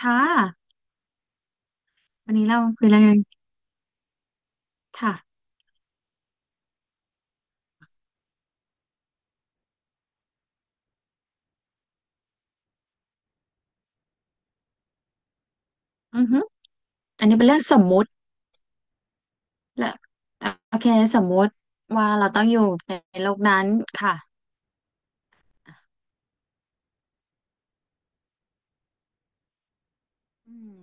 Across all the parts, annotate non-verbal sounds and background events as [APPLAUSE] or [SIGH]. ค่ะ วันนี้เราคุยเรื่องค่ะอือฮึอันนี้เป็นเรื่องสมมุติและอ่ะโอเค สมมุติว่าเราต้องอยู่ในโลกนั้นค่ะอืม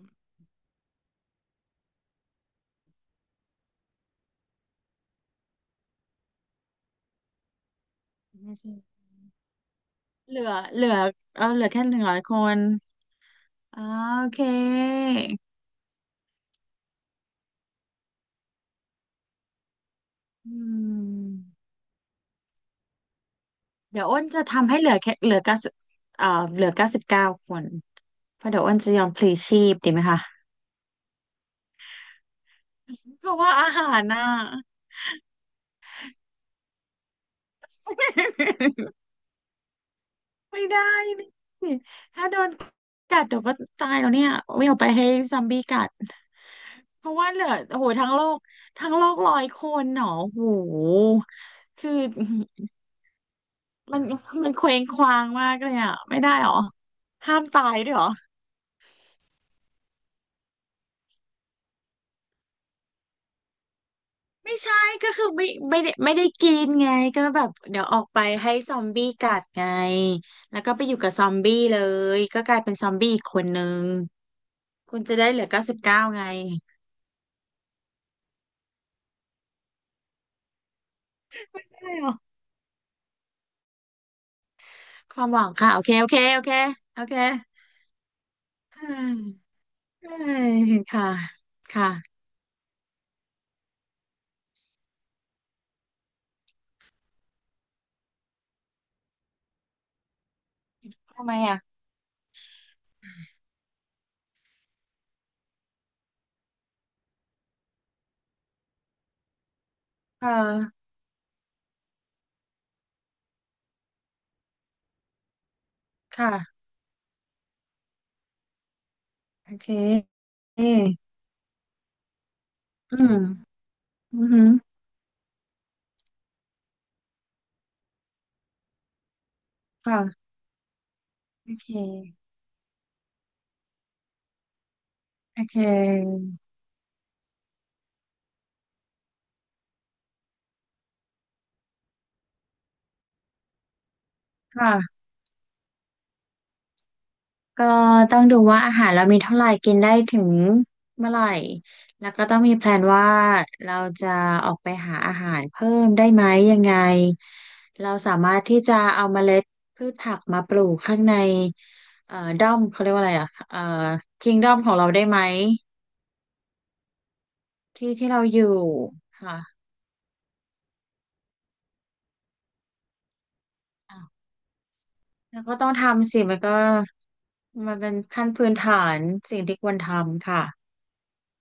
ไม่ใช่เหลือเออเหลือแค่หนึ่งร้อยคนอ่าโอเคอืมเดี๋ยวอ้นจะทำให้เหลือแค่เอ่อเหลือเก้าสิบเก้าคนเพราะเดี๋ยวอ้นจะยอมพลีชีพ ดีไหมคะเพราะว่าอาหารน่ะ ไม่ได้นี่ถ้าโดนกัดเดี๋ยวก็ตายแล้วเนี่ยไม่เอาไปให้ซอมบี้กัดเพราะว่าเหลือโอ้โหทั้งโลกทั้งโลกร้อยคนหนอโอ้โหคือมันมันเคว้งคว้างมากเลยอ่ะไม่ได้หรอห้ามตายด้วยหรอไม่ใช่ก็คือไม่ได้กินไงก็แบบเดี๋ยวออกไปให้ซอมบี้กัดไงแล้วก็ไปอยู่กับซอมบี้เลยก็กลายเป็นซอมบี้อีกคนนึงคุณจะได้เหลือเก้าสิบเก้าไง ความหวังค่ะโอเคโอเคโอเคโอเคเฮ้ยเฮ้ยค่ะค่ะทำไมอ่ะเออค่ะโอเคอืมอือหือค่ะโอเคโอเคค่ะ ก็ต้องดูว่าอาหารเรามีเท่าไหร่กินได้ถึงเมื่อไหร่แล้วก็ต้องมีแพลนว่าเราจะออกไปหาอาหารเพิ่มได้ไหมยังไงเราสามารถที่จะเอาเมล็ดพืชผักมาปลูกข้างในด้อมเขาเรียกว่าอะไรอ่ะคิงด้อมของเราได้ไหมที่ที่เราอยู่ค่ะอ่ะแล้วก็ต้องทำสิมันก็มันเป็นขั้นพื้นฐานสิ่งที่ควรทำค่ะ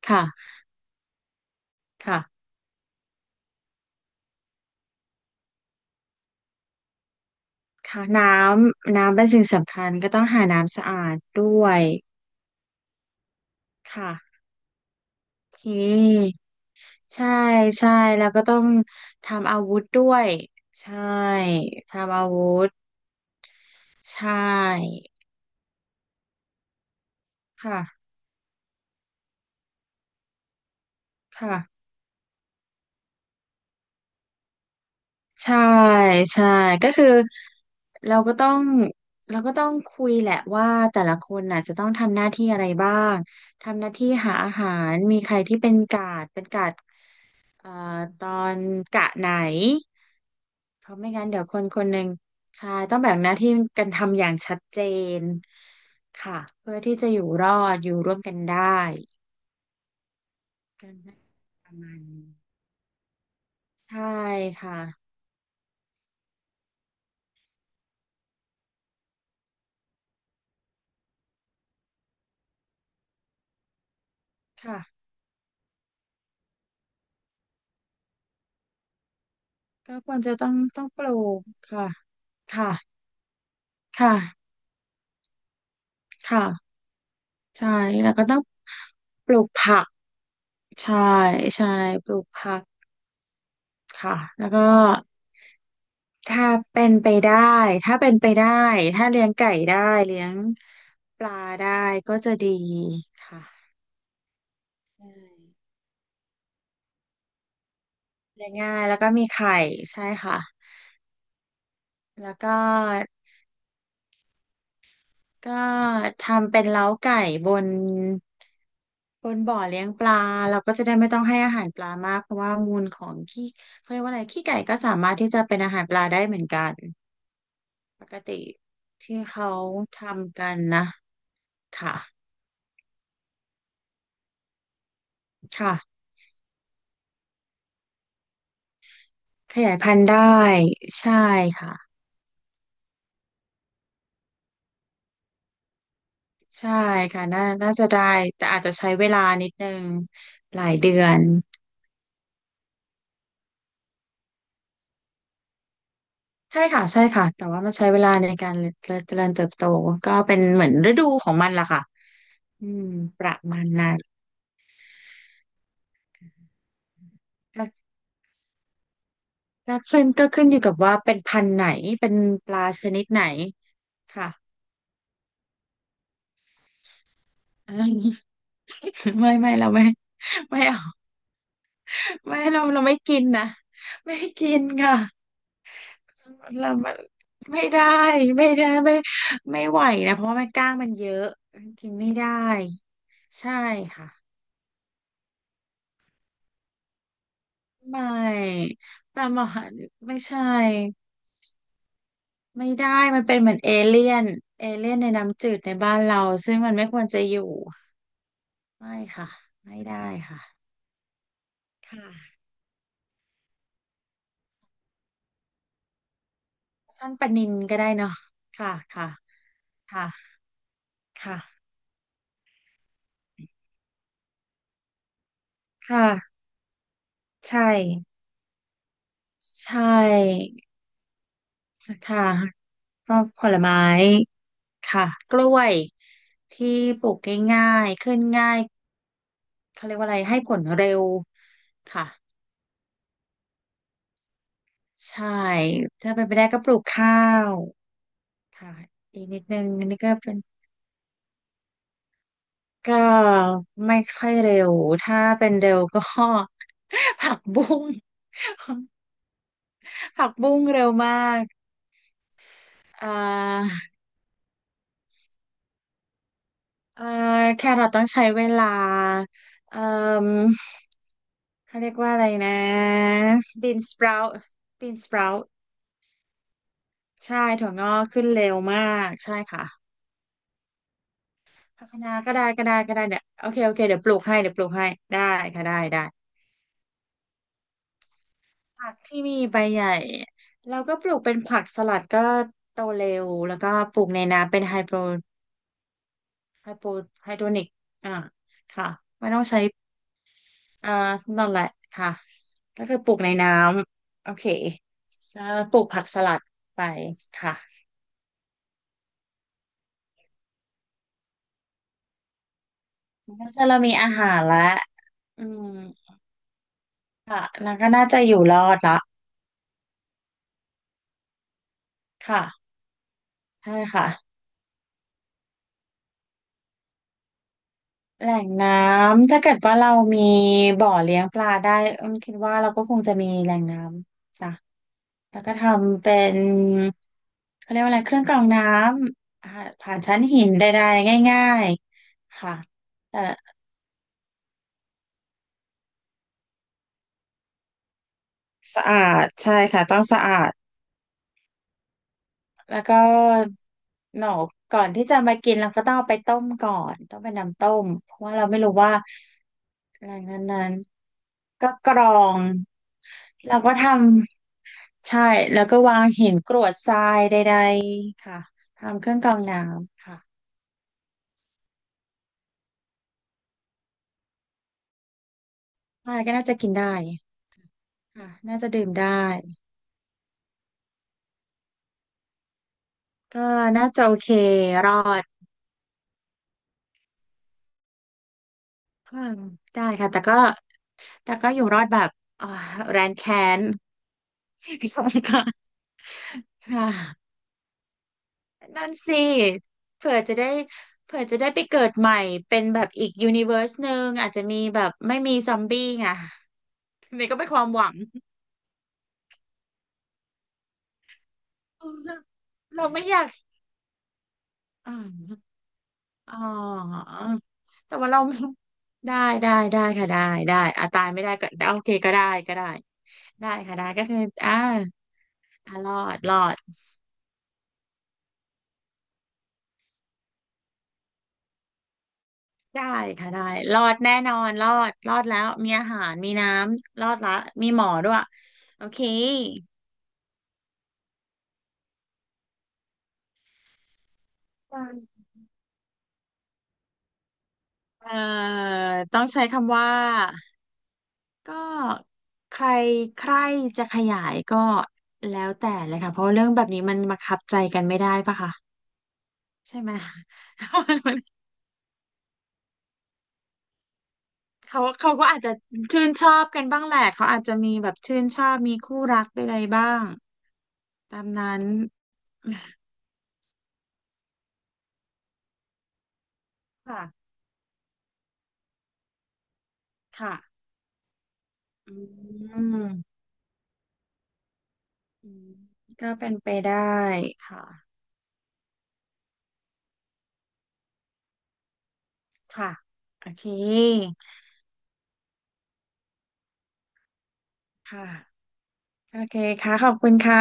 ค่ะค่ะ ค่ะน้ำน้ำเป็นสิ่งสำคัญก็ต้องหาน้ำสะอาดด้วยค่ะโอเคใช่ใช่แล้วก็ต้องทำอาวุธด้วยใช่ทำอาวุธใช่ค่ะค่ะใช่ใช่ก็คือเราก็ต้องเราก็ต้องคุยแหละว่าแต่ละคนน่ะจะต้องทำหน้าที่อะไรบ้างทำหน้าที่หาอาหารมีใครที่เป็นกาดเอ่อตอนกะไหน เพราะไม่งั้นเดี๋ยวคนคนหนึ่งใช่ต้องแบ่งหน้าที่กันทำอย่างชัดเจนค่ะเพื่อที่จะอยู่รอดอยู่ร่วมกันได้กันประมาณนี้ใช่ค่ะค่ะก็ควรจะต้องปลูกค่ะค่ะค่ะค่ะใช่แล้วก็ต้องปลูกผักใช่ใช่ปลูกผักค่ะแล้วก็ ถ้าเป็นไปได้ถ้าเป็นไปได้ถ้าเลี้ยงไก่ได้เลี้ยงปลาได้ก็จะดีค่ะใช่เลี้ยงง่ายแล้วก็มีไข่ใช่ค่ะแล้วก็ก็ทำเป็นเล้าไก่บนบนบ่อเลี้ยงปลาเราก็จะได้ไม่ต้องให้อาหารปลามากเพราะว่ามูลของขี้เขาเรียกว่าอะไรขี้ไก่ก็สามารถที่จะเป็นอาหารปลาได้เหมือนกันปกติที่เขาทำกันนะค่ะค่ะ ขยายพันธุ์ได้ใช่ค่ะใช่ค่ะน่าน่าจะได้แต่อาจจะใช้เวลานิดนึงหลายเดือนใช่ค่ะใช่ค่ะแต่ว่ามันใช้เวลาในการเจริญเติบโตก็เป็นเหมือนฤดูของมันล่ะค่ะอืมประมาณนั้นก็ก็ขึ้นอยู่กับว่าเป็นพันธุ์ไหนเป็นปลาชนิดไหนค่ะ [LAUGHS] อืมไม่ไม่เราไม่ไม่เอาไม่เราเราไม่กินนะไม่กินค่ะ เรามันไม่ได้ไม่ได้ไม่ไม่ไหวนะเพราะว่ามันกล้างมันเยอะกินไม่ได้ใช่ค่ะไม่ปลาหมอไม่ใช่ไม่ได้มันเป็นเหมือนเอเลี่ยนเอเลี่ยนในน้ำจืดในบ้านเราซึ่งมันไม่ควรจะอยู่ไม่ค่ะไม่ได้ค่ะค่ะช่อนปลานิลก็ได้เนาะค่ะค่ะค่ะค่ะค่ะใช่ใช่ค่ะก็ผลไม้ ค่ะกล้วยที่ปลูกง่ายๆขึ้นง่ายเขาเรียกว่าอะไรให้ผลเร็วค่ะใช่ถ้าเป็นไปได้ก็ปลูกข้าวค่ะอีกนิดนึงอันนี่ก็เป็นก็ไม่ค่อยเร็วถ้าเป็นเร็วก็ [LAUGHS] ผักบุ้งผักบุ้งเร็วมากอ่าเอ่อแครอทต้องใช้เวลาเอ่อเขาเรียกว่าอะไรนะบีนสปราวต์บีนสปราว ใช่ถั่วงอกขึ้นเร็วมากใช่ค่ะผักคะน้าก็ได้ก็ได้ก็ได้เนี่ยโอเคโอเคเดี๋ยวปลูกให้เดี๋ยวปลูกให้ได้ค่ะได้ได้ผักที่มีใบใหญ่เราก็ปลูกเป็นผักสลัดก็โตเร็วแล้วก็ปลูกในน้ำเป็นไฮโปรไฮโปไฮโดรนิกอ่าค่ะไม่ต้องใช้เอ่อนั่นแหละค่ะก็คือปลูกในน้ำโอเคแล้วปลูกผักสลัดไปค่ะแล้วเรามีอาหารละอืมค่ะแล้วก็น่าจะอยู่รอดละค่ะ ใช่ค่ะแหล่งน้ำถ้าเกิดว่าเรามีบ่อเลี้ยงปลาได้เอิ้นคิดว่าเราก็คงจะมีแหล่งน้ำจ้ะแล้วก็ทำเป็นเขาเรียกว่าอะไรเครื่องกรองน้ำอ่าผ่านชั้นหินใดๆง่ายๆค่ะแต่สะอาดใช่ค่ะต้องสะอาดแล้วก็หนอกก่อนที่จะมากินเราก็ต้องเอาไปต้มก่อนต้องเป็นน้ำต้มเพราะว่าเราไม่รู้ว่า หลังจากนั้นก็กรองแล้วก็ทำใช่แล้วก็วางหินกรวดทรายใดๆค่ะทำเครื่องกรองน้ำค่ะอะไรก็น่าจะกินได้ค่ะน่าจะดื่มได้ก็น่าจะโอเครอดอืมได้ค่ะแต่ก็อยู่รอดแบบอ่าแรนแค้น [LAUGHS] ค่ะค่ะ นั่นสิเผื่อจะได้เผื่อจะได้ไปเกิดใหม่เป็นแบบอีกยูนิเวอร์สหนึ่งอาจจะมีแบบไม่มีซอมบี้ไงนี่ก็เป็นความหวังเราเราไม่อยากอ่าอ๋อแต่ว่าเราไม่ได้ได้ได้ค่ะได้ได้อ่ะตายไม่ได้ก็โอเคก็ได้ก็ได้ได้ค่ะได้ก็คืออ่าอ่ะรอดรอดได้ค่ะได้รอดแน่นอนรอดรอดแล้วมีอาหารมีน้ำรอดละมีหมอด้วยโอเค เอ่อต้องใช้คำว่าก็ใครใครจะขยายก็แล้วแต่เลยค่ะเพราะว่าเรื่องแบบนี้มันบังคับใจกันไม่ได้ปะคะใช่ไหม [LAUGHS] เขาเขาก็อาจจะชื่นชอบกันบ้างแหละเขาอาจจะมีแบบชื่นชอบมีคู่รักใไรบ้างตามนั้น [LAUGHS] ค่ะค่ะอืมอืมก็เป็นไปได้ค่ะค่ะโอเคค่ะโอเคค่ะขอบคุณค่ะ